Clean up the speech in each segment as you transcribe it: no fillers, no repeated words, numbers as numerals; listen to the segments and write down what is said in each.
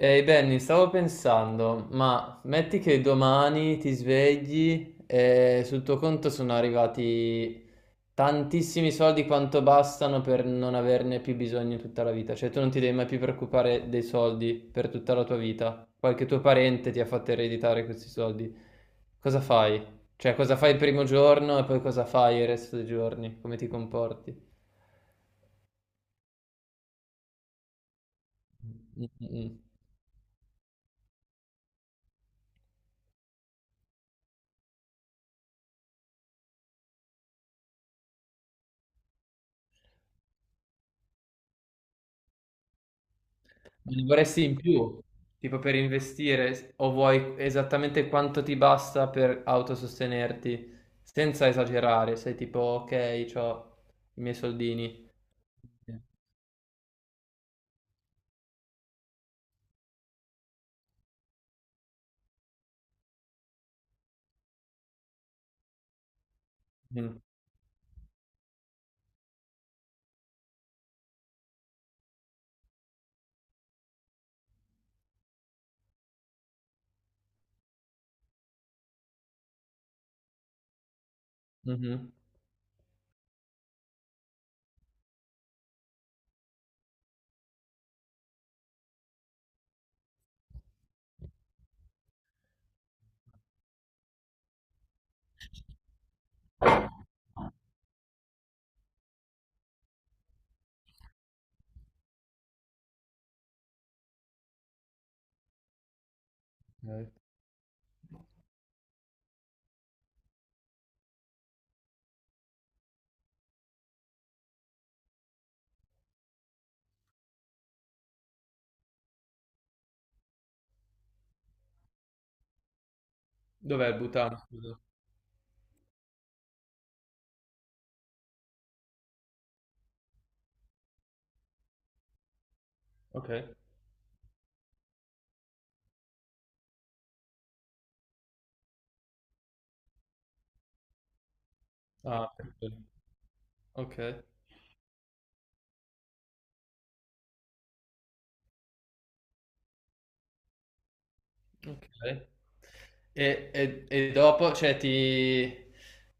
Ehi Benny, stavo pensando, ma metti che domani ti svegli e sul tuo conto sono arrivati tantissimi soldi quanto bastano per non averne più bisogno tutta la vita, cioè tu non ti devi mai più preoccupare dei soldi per tutta la tua vita, qualche tuo parente ti ha fatto ereditare questi soldi, cosa fai? Cioè cosa fai il primo giorno e poi cosa fai il resto dei giorni, come ti comporti? Mm, mm, mm. Ne vorresti in più, tipo per investire, o vuoi esattamente quanto ti basta per autosostenerti, senza esagerare, sei tipo, ok, ho i miei soldini. Mm. Mhm. Ok. Dov'è il Bhutan? Scusa? Ok. Ah, perfetto. Ok. Okay. E dopo, cioè ti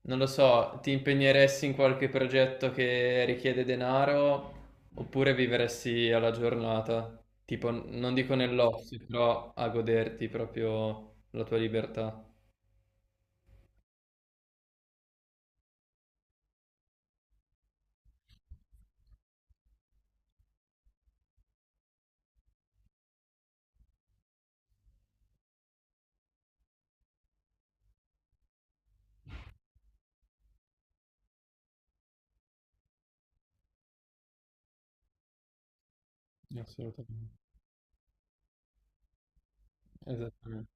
non lo so, ti impegneresti in qualche progetto che richiede denaro oppure vivresti alla giornata? Tipo, n non dico nell'ozio, però a goderti proprio la tua libertà. Assolutamente. Esattamente.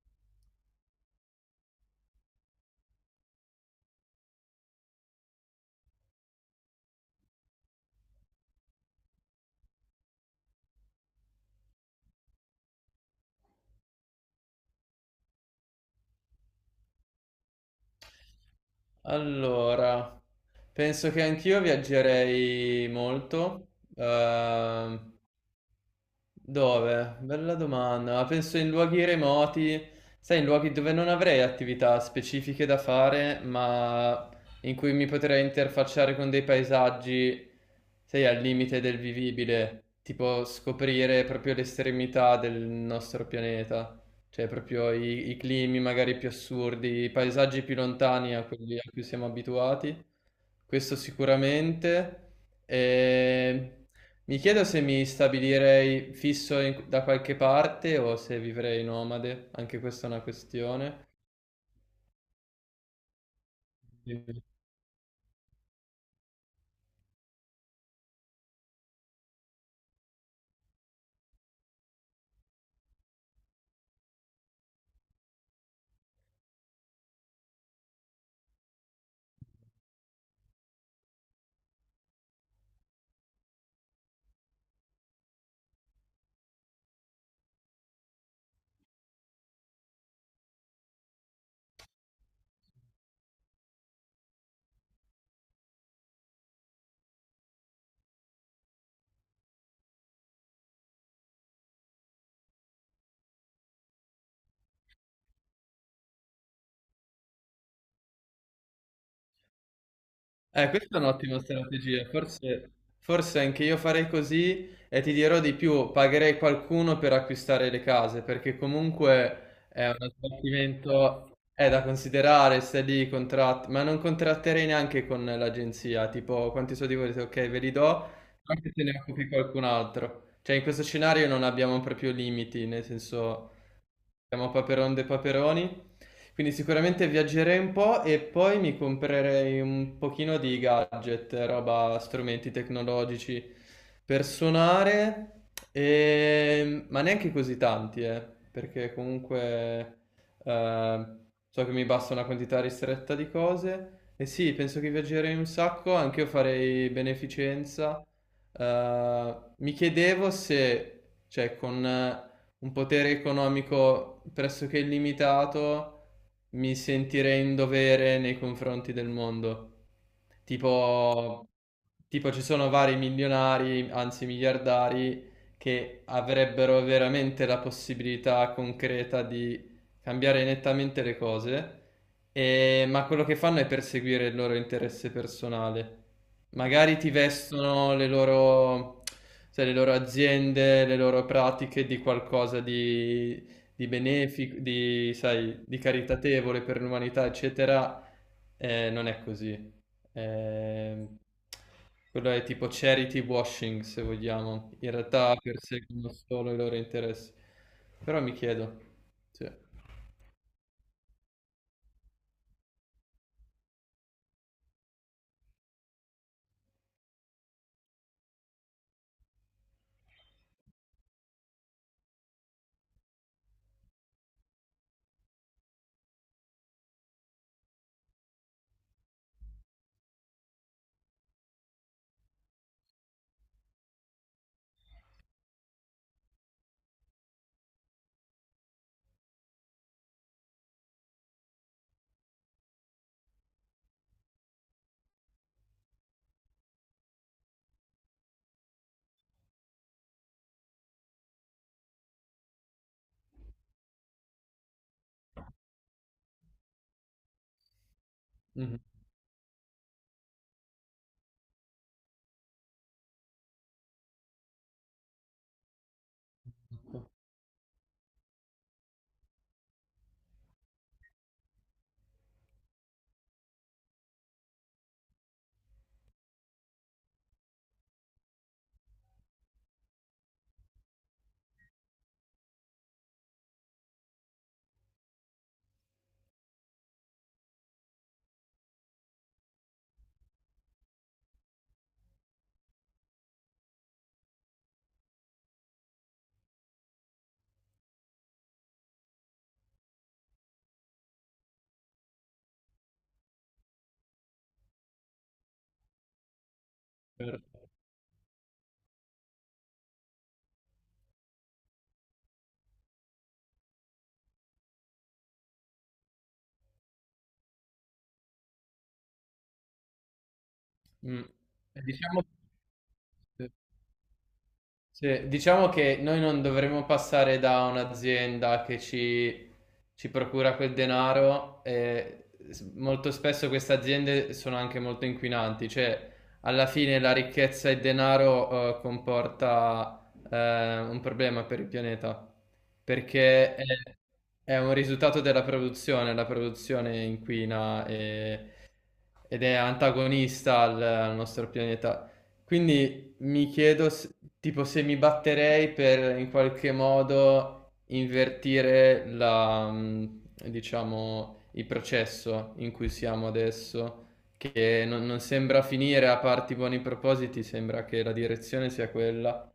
Allora, penso che anch'io viaggerei molto. uhm Dove? Bella domanda. Ma penso in luoghi remoti, sai, in luoghi dove non avrei attività specifiche da fare, ma in cui mi potrei interfacciare con dei paesaggi, sai, al limite del vivibile, tipo scoprire proprio l'estremità del nostro pianeta, cioè proprio i climi magari più assurdi, i paesaggi più lontani a quelli a cui siamo abituati. Questo sicuramente. E mi chiedo se mi stabilirei fisso da qualche parte o se vivrei nomade, anche questa è una questione. Questa è un'ottima strategia, forse, forse anche io farei così e ti dirò di più, pagherei qualcuno per acquistare le case, perché comunque è un sbattimento, è da considerare, stai lì, contratti, ma non contratterei neanche con l'agenzia, tipo quanti soldi volete, ok, ve li do, anche se ne occupi qualcun altro. Cioè in questo scenario non abbiamo proprio limiti, nel senso siamo Paperon de Paperoni. Quindi sicuramente viaggerei un po' e poi mi comprerei un pochino di gadget, roba, strumenti tecnologici per suonare, ma neanche così tanti, perché comunque eh, so che mi basta una quantità ristretta di cose. E sì, penso che viaggerei un sacco, anche io farei beneficenza. Mi chiedevo se, cioè, con un potere economico pressoché illimitato, mi sentirei in dovere nei confronti del mondo. Tipo, tipo ci sono vari milionari, anzi miliardari, che avrebbero veramente la possibilità concreta di cambiare nettamente le cose, ma quello che fanno è perseguire il loro interesse personale. Magari ti vestono le loro, sai, le loro aziende, le loro pratiche di qualcosa di benefico, di, sai, di caritatevole per l'umanità, eccetera. Non è così. Eh, quello è tipo charity washing, se vogliamo. In realtà perseguono solo i loro interessi. Però mi chiedo. Sì. Mhm, certo. Mm. Diciamo... Sì, diciamo che noi non dovremmo passare da un'azienda che ci procura quel denaro e molto spesso queste aziende sono anche molto inquinanti, cioè alla fine la ricchezza e il denaro comporta un problema per il pianeta, perché è un risultato della produzione, la produzione inquina ed è antagonista al nostro pianeta. Quindi mi chiedo tipo se mi batterei per in qualche modo invertire diciamo, il processo in cui siamo adesso, che non sembra finire a parti buoni propositi, sembra che la direzione sia quella.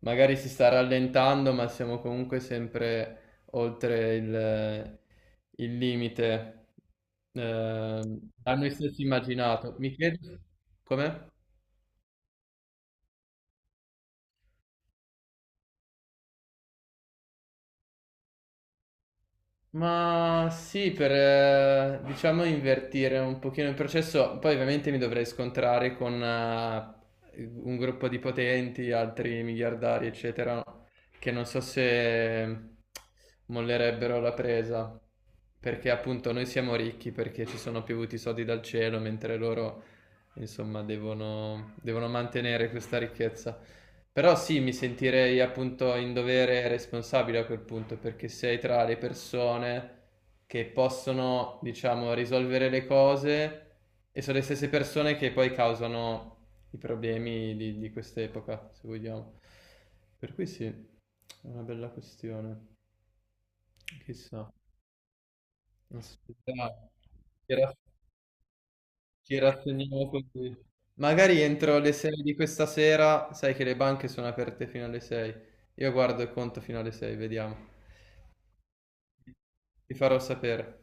Magari si sta rallentando, ma siamo comunque sempre oltre il limite. A noi stessi immaginato. Mi chiedo come? Ma sì, per diciamo invertire un pochino il processo, poi ovviamente mi dovrei scontrare con un gruppo di potenti, altri miliardari, eccetera, che non so se mollerebbero la presa, perché appunto noi siamo ricchi perché ci sono piovuti soldi dal cielo, mentre loro insomma, devono mantenere questa ricchezza. Però sì, mi sentirei appunto in dovere e responsabile a quel punto, perché sei tra le persone che possono, diciamo, risolvere le cose e sono le stesse persone che poi causano i problemi di quest'epoca, se vogliamo. Per cui sì, è una bella questione. Chissà, una società che era ci rassegniamo così. Magari entro le 6 di questa sera, sai che le banche sono aperte fino alle 6. Io guardo il conto fino alle 6, vediamo. Ti farò sapere.